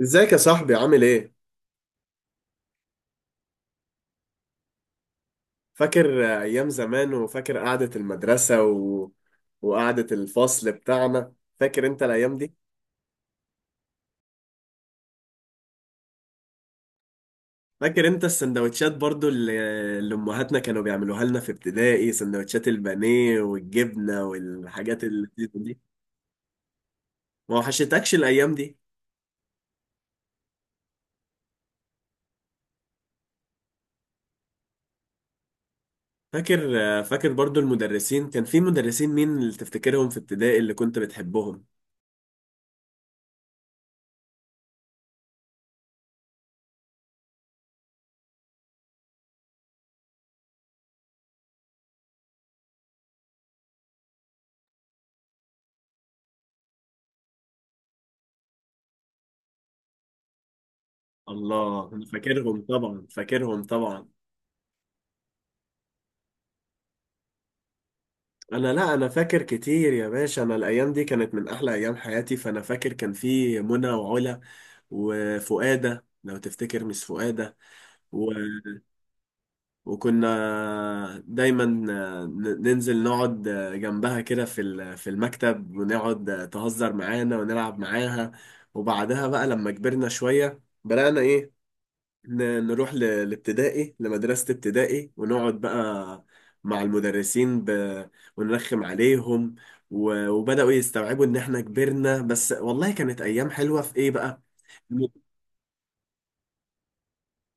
ازيك يا صاحبي؟ عامل ايه؟ فاكر ايام زمان، وفاكر قعدة المدرسة وقعدة الفصل بتاعنا؟ فاكر انت الايام دي؟ فاكر انت السندوتشات برضو اللي امهاتنا كانوا بيعملوها لنا في ابتدائي؟ سندوتشات البانيه والجبنة والحاجات اللذيذة دي ما وحشتكش الايام دي؟ فاكر فاكر برضو المدرسين؟ كان في مدرسين، مين اللي تفتكرهم في ابتدائي اللي كنت بتحبهم؟ الله، انا فاكرهم طبعا، فاكرهم طبعا. انا لا انا فاكر كتير يا باشا. انا الايام دي كانت من احلى ايام حياتي، فانا فاكر كان في منى وعلا وفؤاده، لو تفتكر، مش فؤاده و... وكنا دايما ننزل نقعد جنبها كده في في المكتب، ونقعد تهزر معانا ونلعب معاها. وبعدها بقى لما كبرنا شويه بدأنا ايه، نروح لابتدائي، لمدرسة ابتدائي، ونقعد بقى مع المدرسين ونرخم عليهم، وبدأوا يستوعبوا إن إحنا كبرنا. بس والله كانت أيام حلوة في إيه بقى.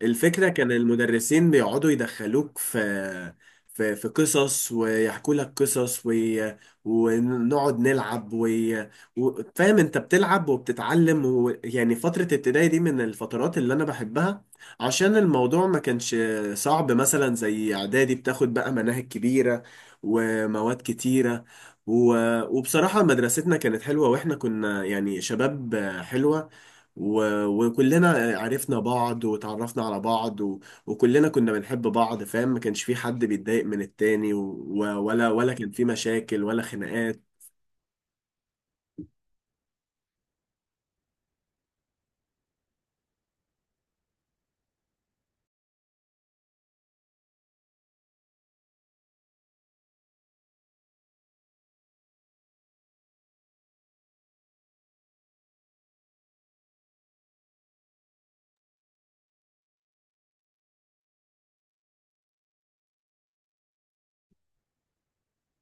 الفكرة كان المدرسين بيقعدوا يدخلوك في في قصص، ويحكوا لك قصص ونقعد نلعب فاهم، انت بتلعب وبتتعلم. يعني فترة ابتدائي دي من الفترات اللي انا بحبها، عشان الموضوع ما كانش صعب مثلا زي اعدادي، بتاخد بقى مناهج كبيرة، ومواد كتيرة. و... وبصراحة مدرستنا كانت حلوة، واحنا كنا يعني شباب حلوة. وكلنا عرفنا بعض وتعرفنا على بعض، وكلنا كنا بنحب بعض. فاهم، ما كانش في حد بيتضايق من التاني، ولا كان في مشاكل ولا خناقات.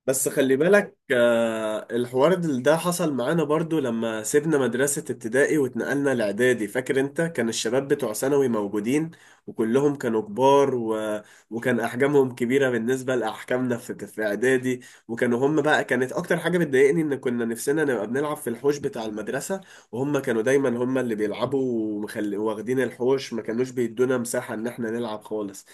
بس خلي بالك، الحوار ده حصل معانا برضو لما سيبنا مدرسة ابتدائي واتنقلنا لإعدادي. فاكر انت؟ كان الشباب بتوع ثانوي موجودين، وكلهم كانوا كبار، وكان أحجامهم كبيرة بالنسبة لأحجامنا في إعدادي. وكانوا هم بقى، كانت أكتر حاجة بتضايقني إن كنا نفسنا نبقى بنلعب في الحوش بتاع المدرسة، وهم كانوا دايما هم اللي بيلعبوا، واخدين الحوش، ما كانوش بيدونا مساحة إن احنا نلعب خالص.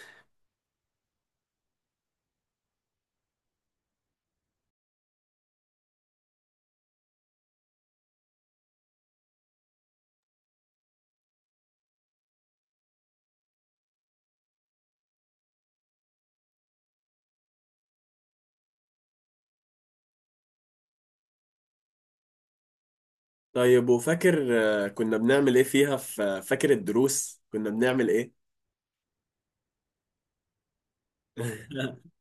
طيب وفاكر كنا بنعمل ايه فيها؟ في، فاكر الدروس كنا بنعمل ايه؟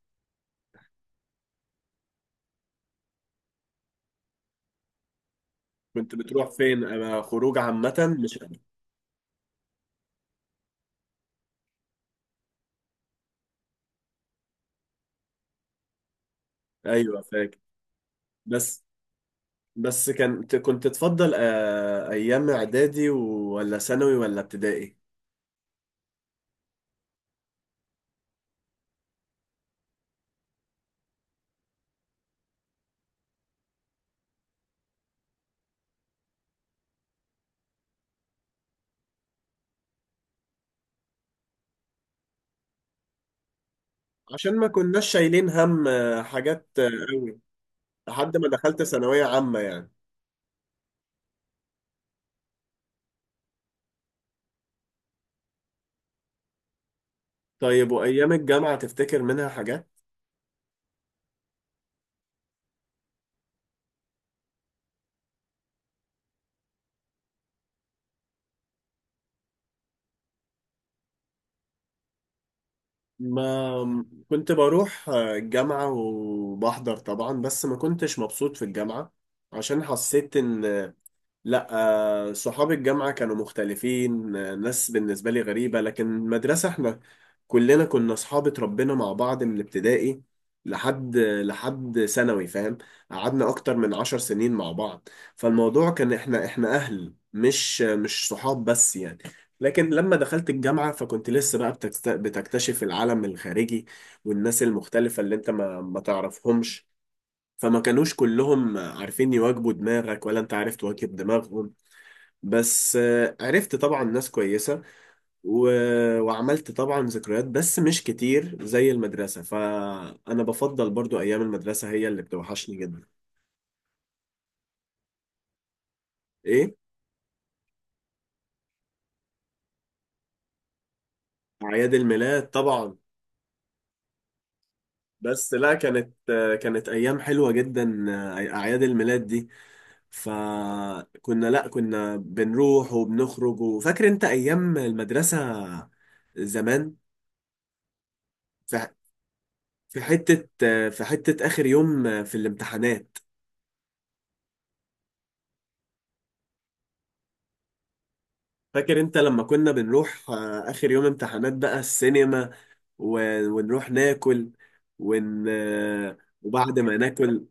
كنت بتروح فين؟ انا خروج عامة، مش أنا. ايوه، فاكر. بس بس كان، كنت تفضل ايام اعدادي ولا ثانوي ولا ابتدائي؟ عشان ما كناش شايلين هم حاجات قوي لحد ما دخلت ثانوية عامة يعني. طيب وايام الجامعة تفتكر منها حاجات؟ ما كنت بروح الجامعة وبحضر طبعا، بس ما كنتش مبسوط في الجامعة، عشان حسيت ان، لا، صحاب الجامعة كانوا مختلفين، ناس بالنسبة لي غريبة. لكن المدرسة، احنا كلنا كنا أصحاب، اتربينا مع بعض من ابتدائي لحد ثانوي، فاهم، قعدنا أكتر من عشر سنين مع بعض. فالموضوع كان احنا أهل، مش صحاب بس يعني. لكن لما دخلت الجامعة، فكنت لسه بقى بتكتشف العالم الخارجي والناس المختلفة اللي انت ما تعرفهمش، فما كانوش كلهم عارفين يواجبوا دماغك ولا انت عارف تواكب دماغهم. بس عرفت طبعا ناس كويسة، و... وعملت طبعا ذكريات، بس مش كتير زي المدرسة. فأنا بفضل برضو أيام المدرسة هي اللي بتوحشني جدا. إيه؟ أعياد الميلاد طبعا. بس لا، كانت كانت أيام حلوة جدا، أعياد الميلاد دي، فكنا، لا، كنا بنروح وبنخرج. وفاكر أنت أيام المدرسة زمان؟ في في حتة في حتة آخر يوم في الامتحانات. فاكر انت لما كنا بنروح اخر يوم امتحانات بقى السينما، ونروح ناكل ون... آه، وبعد ما ناكل؟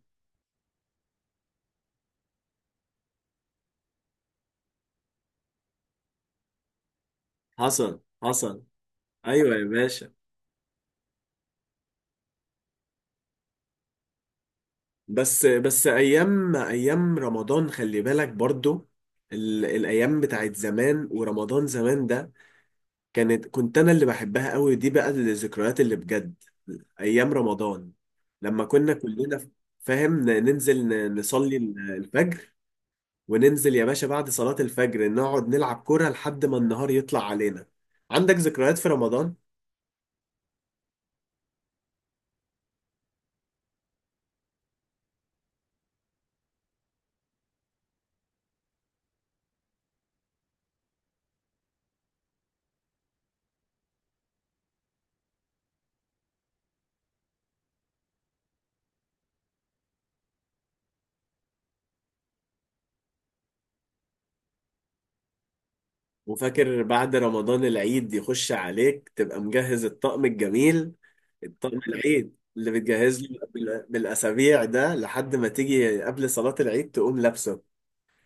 حصل، حصل. ايوه يا باشا. بس بس ايام رمضان، خلي بالك برضو، الايام بتاعت زمان، ورمضان زمان ده كانت، كنت انا اللي بحبها قوي دي بقى، الذكريات اللي بجد، ايام رمضان، لما كنا كلنا، فاهم، ننزل نصلي الفجر، وننزل يا باشا بعد صلاة الفجر نقعد نلعب كرة لحد ما النهار يطلع علينا. عندك ذكريات في رمضان؟ وفاكر بعد رمضان العيد يخش عليك تبقى مجهز الطقم الجميل، الطقم العيد اللي بتجهز له بالأسابيع ده، لحد ما تيجي قبل صلاة العيد تقوم لابسه.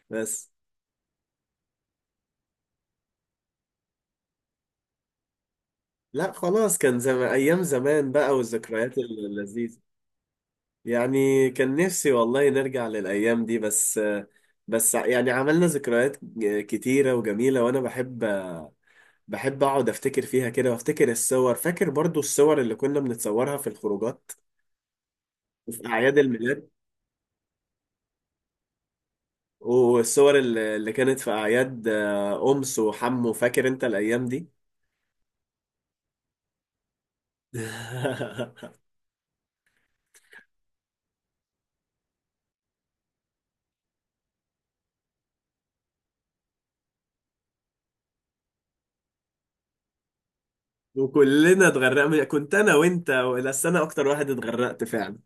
بس لا خلاص، كان زمان، أيام زمان بقى، والذكريات اللذيذة. يعني كان نفسي والله نرجع للأيام دي. بس بس يعني عملنا ذكريات كتيرة وجميلة، وأنا بحب، بحب اقعد افتكر فيها كده، وافتكر الصور. فاكر برضو الصور اللي كنا بنتصورها في الخروجات وفي اعياد الميلاد، والصور اللي كانت في اعياد، امس وحمو، فاكر انت الايام دي؟ وكلنا اتغرقنا، كنت انا وانت، بس انا اكتر واحد اتغرقت فعلا.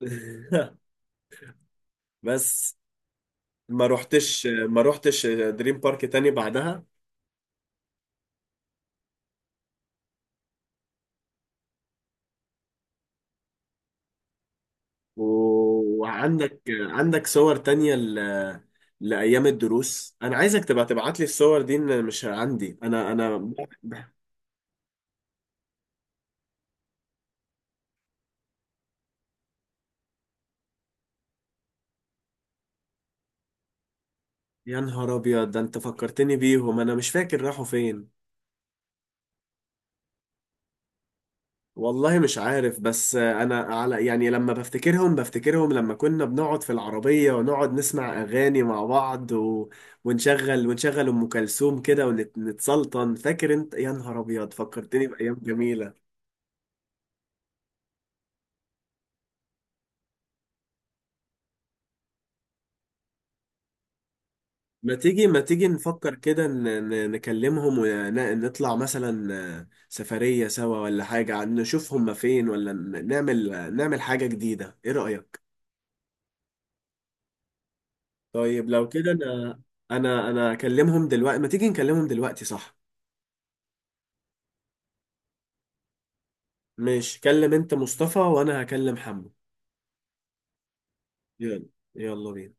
بس ما روحتش دريم بارك تاني بعدها. وعندك صور تانية لأيام الدروس؟ أنا عايزك تبقى تبعت لي الصور دي، إن مش عندي أنا أنا. يا نهار أبيض، ده أنت فكرتني بيهم، أنا مش فاكر راحوا فين. والله مش عارف، بس أنا على، يعني لما بفتكرهم بفتكرهم لما كنا بنقعد في العربية ونقعد نسمع أغاني مع بعض، ونشغل، ونشغل أم كلثوم كده ونتسلطن. فاكر أنت؟ يا نهار أبيض، فكرتني بأيام جميلة. ما تيجي نفكر كده، نكلمهم ونطلع مثلا سفرية سوا ولا حاجة، نشوف هما فين، ولا نعمل نعمل حاجة جديدة، ايه رأيك؟ طيب لو كده انا، انا اكلمهم دلوقتي، ما تيجي نكلمهم دلوقتي، صح؟ ماشي، كلم انت مصطفى وانا هكلم حمو. يلا، يلا بينا.